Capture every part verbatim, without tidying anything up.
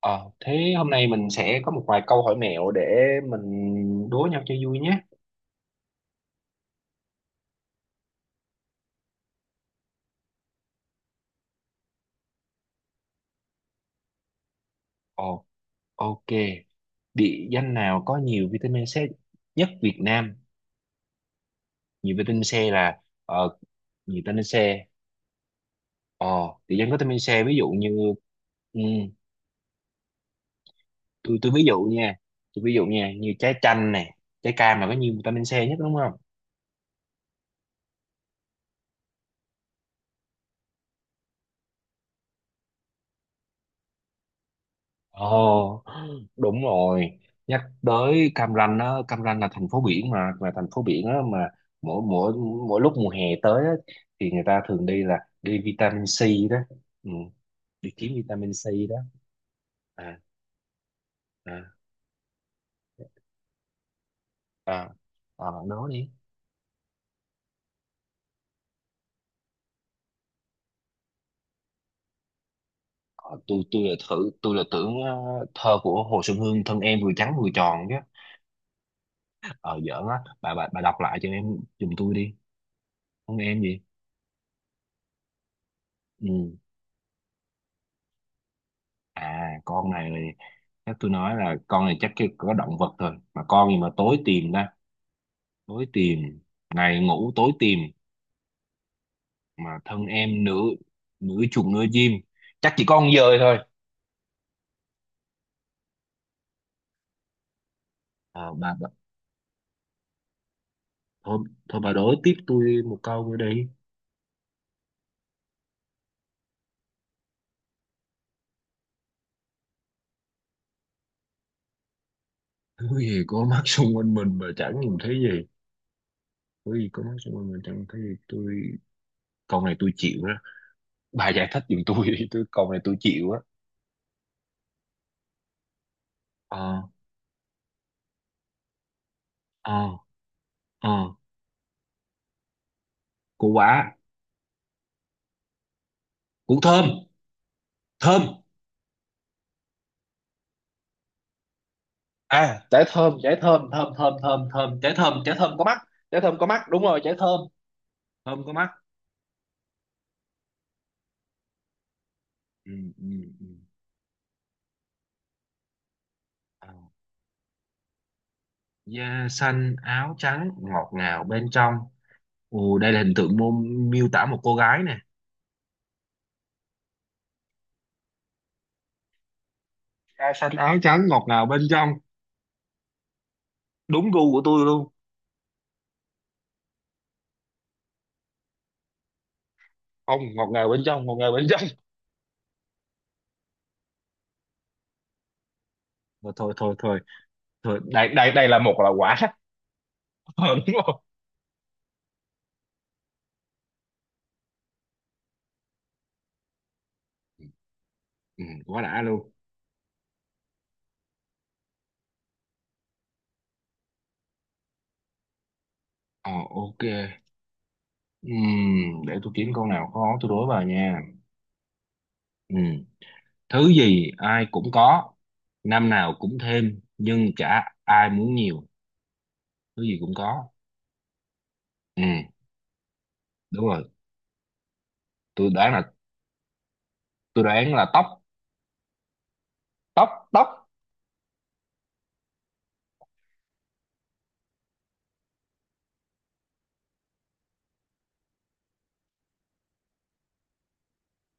Ờ, thế hôm nay mình sẽ có một vài câu hỏi mẹo để mình đố nhau cho vui nhé. Ồ, ok. Địa danh nào có nhiều vitamin C nhất Việt Nam? Nhiều vitamin C là ờ, nhiều vitamin C. ờ Địa danh có vitamin C ví dụ như ừ, tôi tôi ví dụ nha. Tôi ví dụ nha, như trái chanh nè, trái cam là có nhiều vitamin C nhất đúng không? Ồ, Đúng rồi, nhắc tới Cam Ranh á. Cam Ranh là thành phố biển mà, là thành phố biển á mà mỗi mỗi mỗi lúc mùa hè tới á, thì người ta thường đi là đi vitamin C đó, ừ, đi kiếm vitamin C đó. À à à. À, nói đi. Ờ, tôi tôi là thử, tôi là tưởng ờ, thơ của Hồ Xuân Hương thân em vừa trắng vừa tròn chứ. ờ Giỡn á, bà bà bà đọc lại cho em giùm tôi đi, thân em gì? Ừ. À, con này là chắc tôi nói là con này chắc cái có động vật thôi, mà con gì mà tối tìm ta, tối tìm, ngày ngủ tối tìm, mà thân em nửa, nửa chuồng nửa chim, chắc chỉ con dơi thôi. Ờ, bà, bà thôi thôi, bà đối tiếp tôi một câu nữa đi. Thứ gì có mắt xung quanh mình mà chẳng nhìn thấy gì? Thứ gì có mắt xung quanh mình chẳng nhìn thấy gì, tôi câu này tôi chịu đó, bà giải thích giùm tôi đi, tôi câu này tôi chịu á. Ờ. Ờ. Ờ. Củ quả. Củ thơm. Thơm. À, trái thơm, trái thơm, thơm thơm thơm thơm, trái thơm, trái thơm có mắt, trái thơm có mắt, đúng rồi, trái thơm, thơm có mắt. Ừ, ừ, ừ. À, da xanh áo trắng ngọt ngào bên trong. Ồ, đây là hình tượng mô, miêu tả một cô gái nè. Da xanh áo trắng ngọt ngào bên trong, đúng gu của tôi luôn. Không, ngọt ngào bên trong, ngọt ngào bên trong. Thôi thôi thôi thôi, thôi đây đây đây là một là quả Ờ, đúng rồi. Ừ, quá đã luôn. Ờ, ok. Ừm, để tôi kiếm câu nào khó tôi đối vào nha. Ừ. Thứ gì ai cũng có, năm nào cũng thêm nhưng chả ai muốn nhiều? Thứ gì cũng có. Ừ, đúng rồi. Tôi đoán là, tôi đoán là tóc. Tóc, tóc.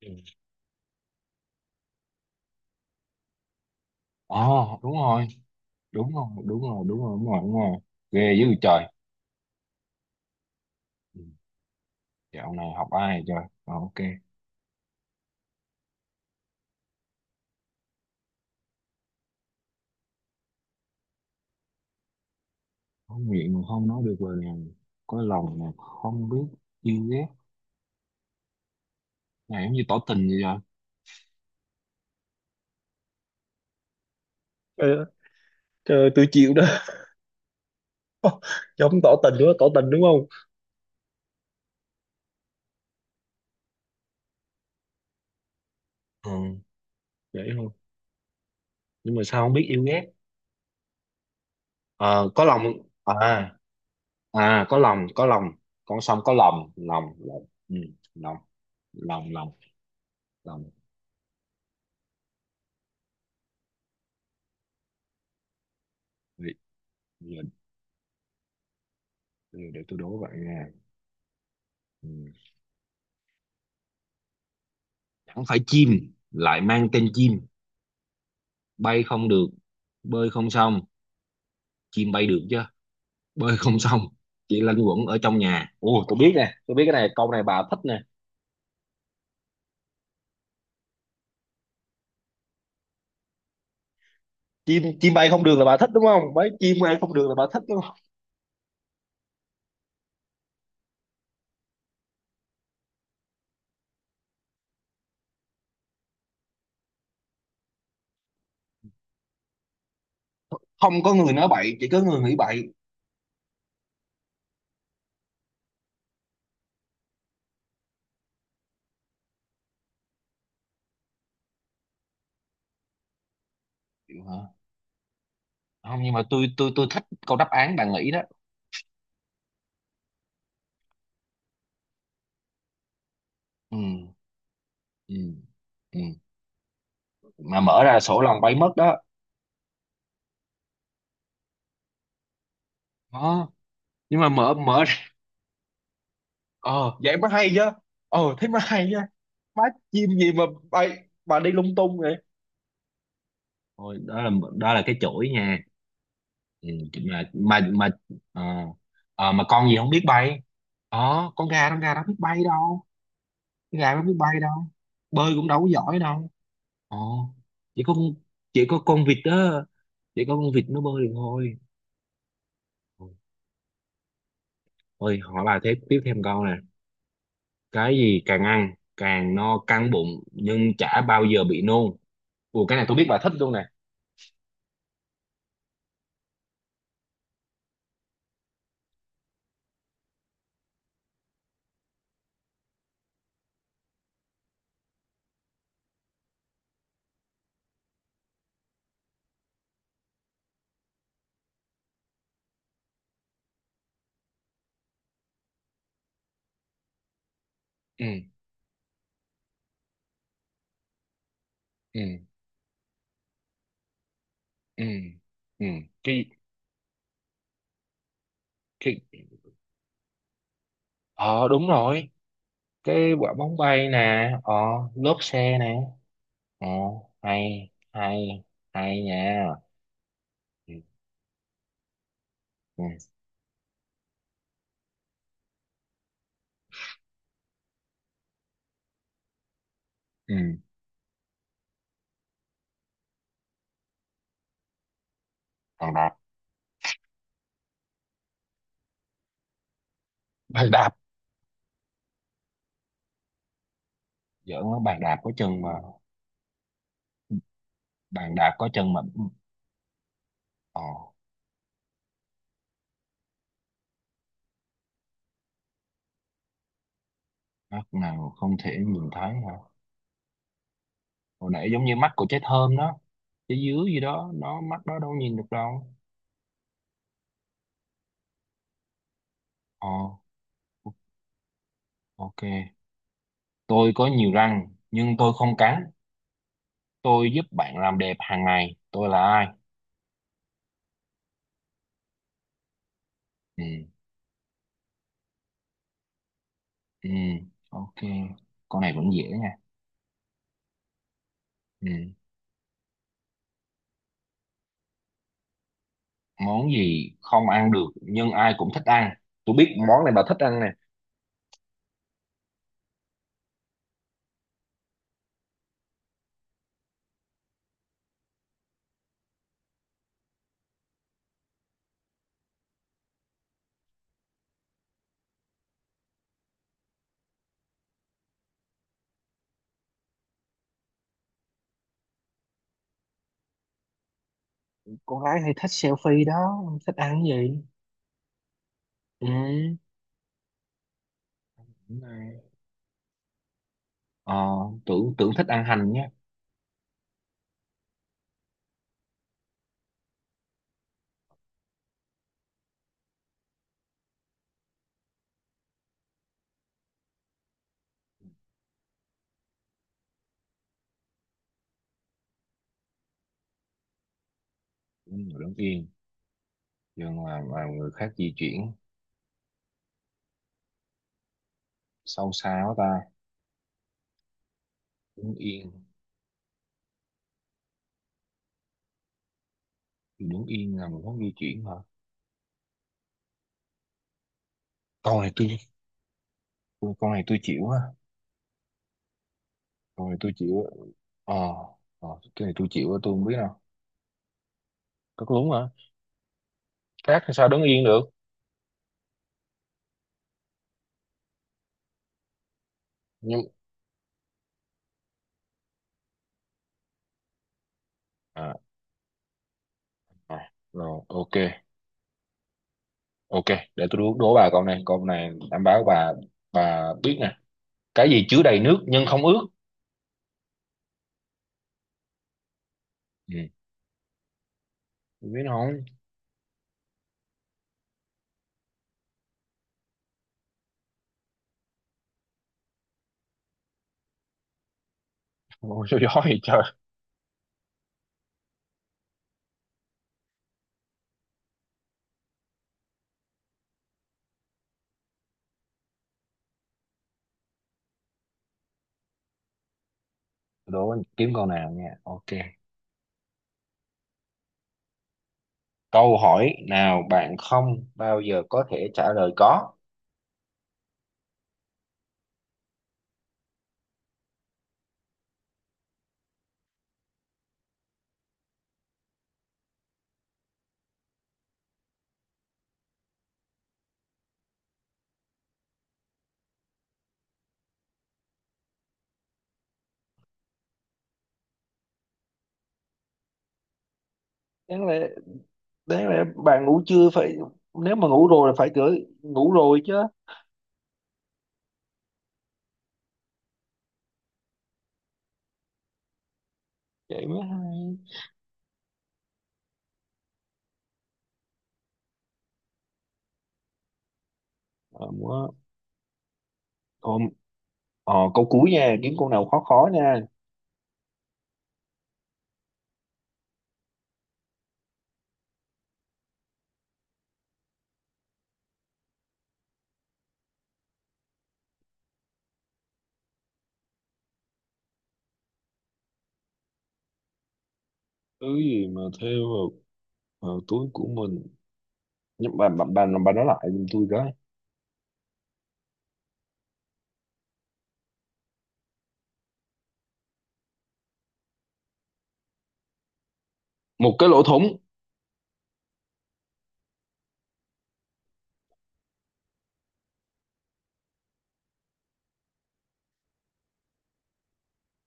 Ừ. Ồ, đúng rồi đúng rồi đúng rồi đúng rồi đúng rồi đúng rồi, ghê dữ trời. Ừ, dạo này học ai trời. Ờ, ok. Có miệng mà không nói được lời nào, có lòng mà không biết yêu ghét, này giống như tỏ tình vậy trời. Ờ, trời, tôi chịu đó. Giống tỏ tình đúng không, tỏ tình đúng không? Ừ, vậy thôi, nhưng mà sao không biết yêu ghét? Ờ, có lòng. À, à có lòng, có lòng, con sông có lòng, lòng lòng ừ, lòng, lòng lòng, lòng. để, để tôi đố bạn nha. Ừ. Không phải chim lại mang tên chim, bay không được, bơi không xong. Chim bay được chứ, bơi không xong, chỉ lanh quẩn ở trong nhà. Ồ, tôi biết nè, tôi biết cái này, câu này bà thích nè. Chim, chim bay không được là bà thích đúng không, mấy chim bay không được là bà thích đúng không? Không có người nói bậy, chỉ có người nghĩ bậy. Chịu hả? Không nhưng mà tôi tôi tôi thích câu đáp án bạn nghĩ đó. Ừ, ừ, ừ, mà mở ra sổ lòng bay mất đó. Đó, nhưng mà mở mở ra- Ờ vậy mới hay chứ. Ờ thế mới hay chứ. Má, chim gì mà bay bà đi lung tung vậy. Thôi đó là, đó là cái chuỗi nha. Ừ, mà mà mà ờ, ờ, mà con gì không biết bay. Ờ con gà, con gà đâu biết bay đâu, con gà đâu biết bay đâu, bơi cũng đâu có giỏi đâu. Ờ, chỉ có con, chỉ có con vịt đó, chỉ có con vịt nó bơi được thôi. Thôi hỏi bà thế, tiếp thêm câu nè. Cái gì càng ăn càng no căng bụng nhưng chả bao giờ bị nôn? Ủa cái này tôi biết bà thích luôn nè. Ừ, ừ, ừ, ừ, cái, cái. Ờ đúng rồi, cái quả bóng bay nè, ờ lốp xe nè. Ờ, hay. Hay hay nha. Ừ. Ừ. Ừ. Bàn đạp. Bàn đạp. Giỡn nó bàn đạp có chân mà, bàn đạp có chân mà. Ừ. Ờ. Mắt nào không thể nhìn thấy hả? Hồi nãy giống như mắt của trái thơm đó, trái dứa gì đó nó mắt đó đâu nhìn được đâu. Ờ, ok. Tôi có nhiều răng nhưng tôi không cắn, tôi giúp bạn làm đẹp hàng ngày, tôi là ai? Ừ. Ừ, ok, con này vẫn dễ nha. Ừ. Món gì không ăn được nhưng ai cũng thích ăn? Tôi biết món này bà thích ăn nè. Con gái hay thích selfie đó thích ăn cái gì? Ừ, đúng rồi. Ờ, tưởng tưởng thích ăn hành nhé. Đúng rồi, đứng yên nhưng mà, mà người khác di chuyển, sâu xa quá ta. Đứng yên, thì đứng yên là một hướng di chuyển hả? Con này tôi, con con này tôi chịu á, con này tôi chịu á. Ờ. Ờ, cái này tôi chịu á, tôi không biết đâu. Có đúng hả? Cát thì sao đứng yên được? Nhưng. À, à rồi ok. Ok, để tôi đố, đố bà câu này, câu này đảm bảo bà bà biết nè. Cái gì chứa đầy nước nhưng không ướt? Ừ. Tôi biết không. Ôi, sao gió vậy trời. Đố kiếm câu nào nha, ok. Câu hỏi nào bạn không bao giờ có thể trả lời có? Đáng lẽ đấy mà bạn ngủ chưa phải, nếu mà ngủ rồi là phải gửi ngủ rồi chứ. Vậy mới hay. Ờ, quá. Ồ, ờ, câu cuối nha, kiếm câu nào khó khó nha. Thứ gì mà theo vào, vào túi của mình, nhưng bà bà bà, bà nói lại giùm tôi cái. Một cái lỗ thủng.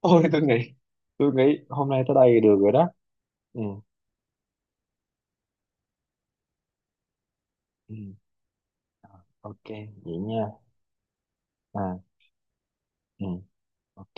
Ôi tôi nghĩ, tôi nghĩ hôm nay tới đây được rồi đó. Ừ. Ừ, ok, vậy nha. À, ừ, ok.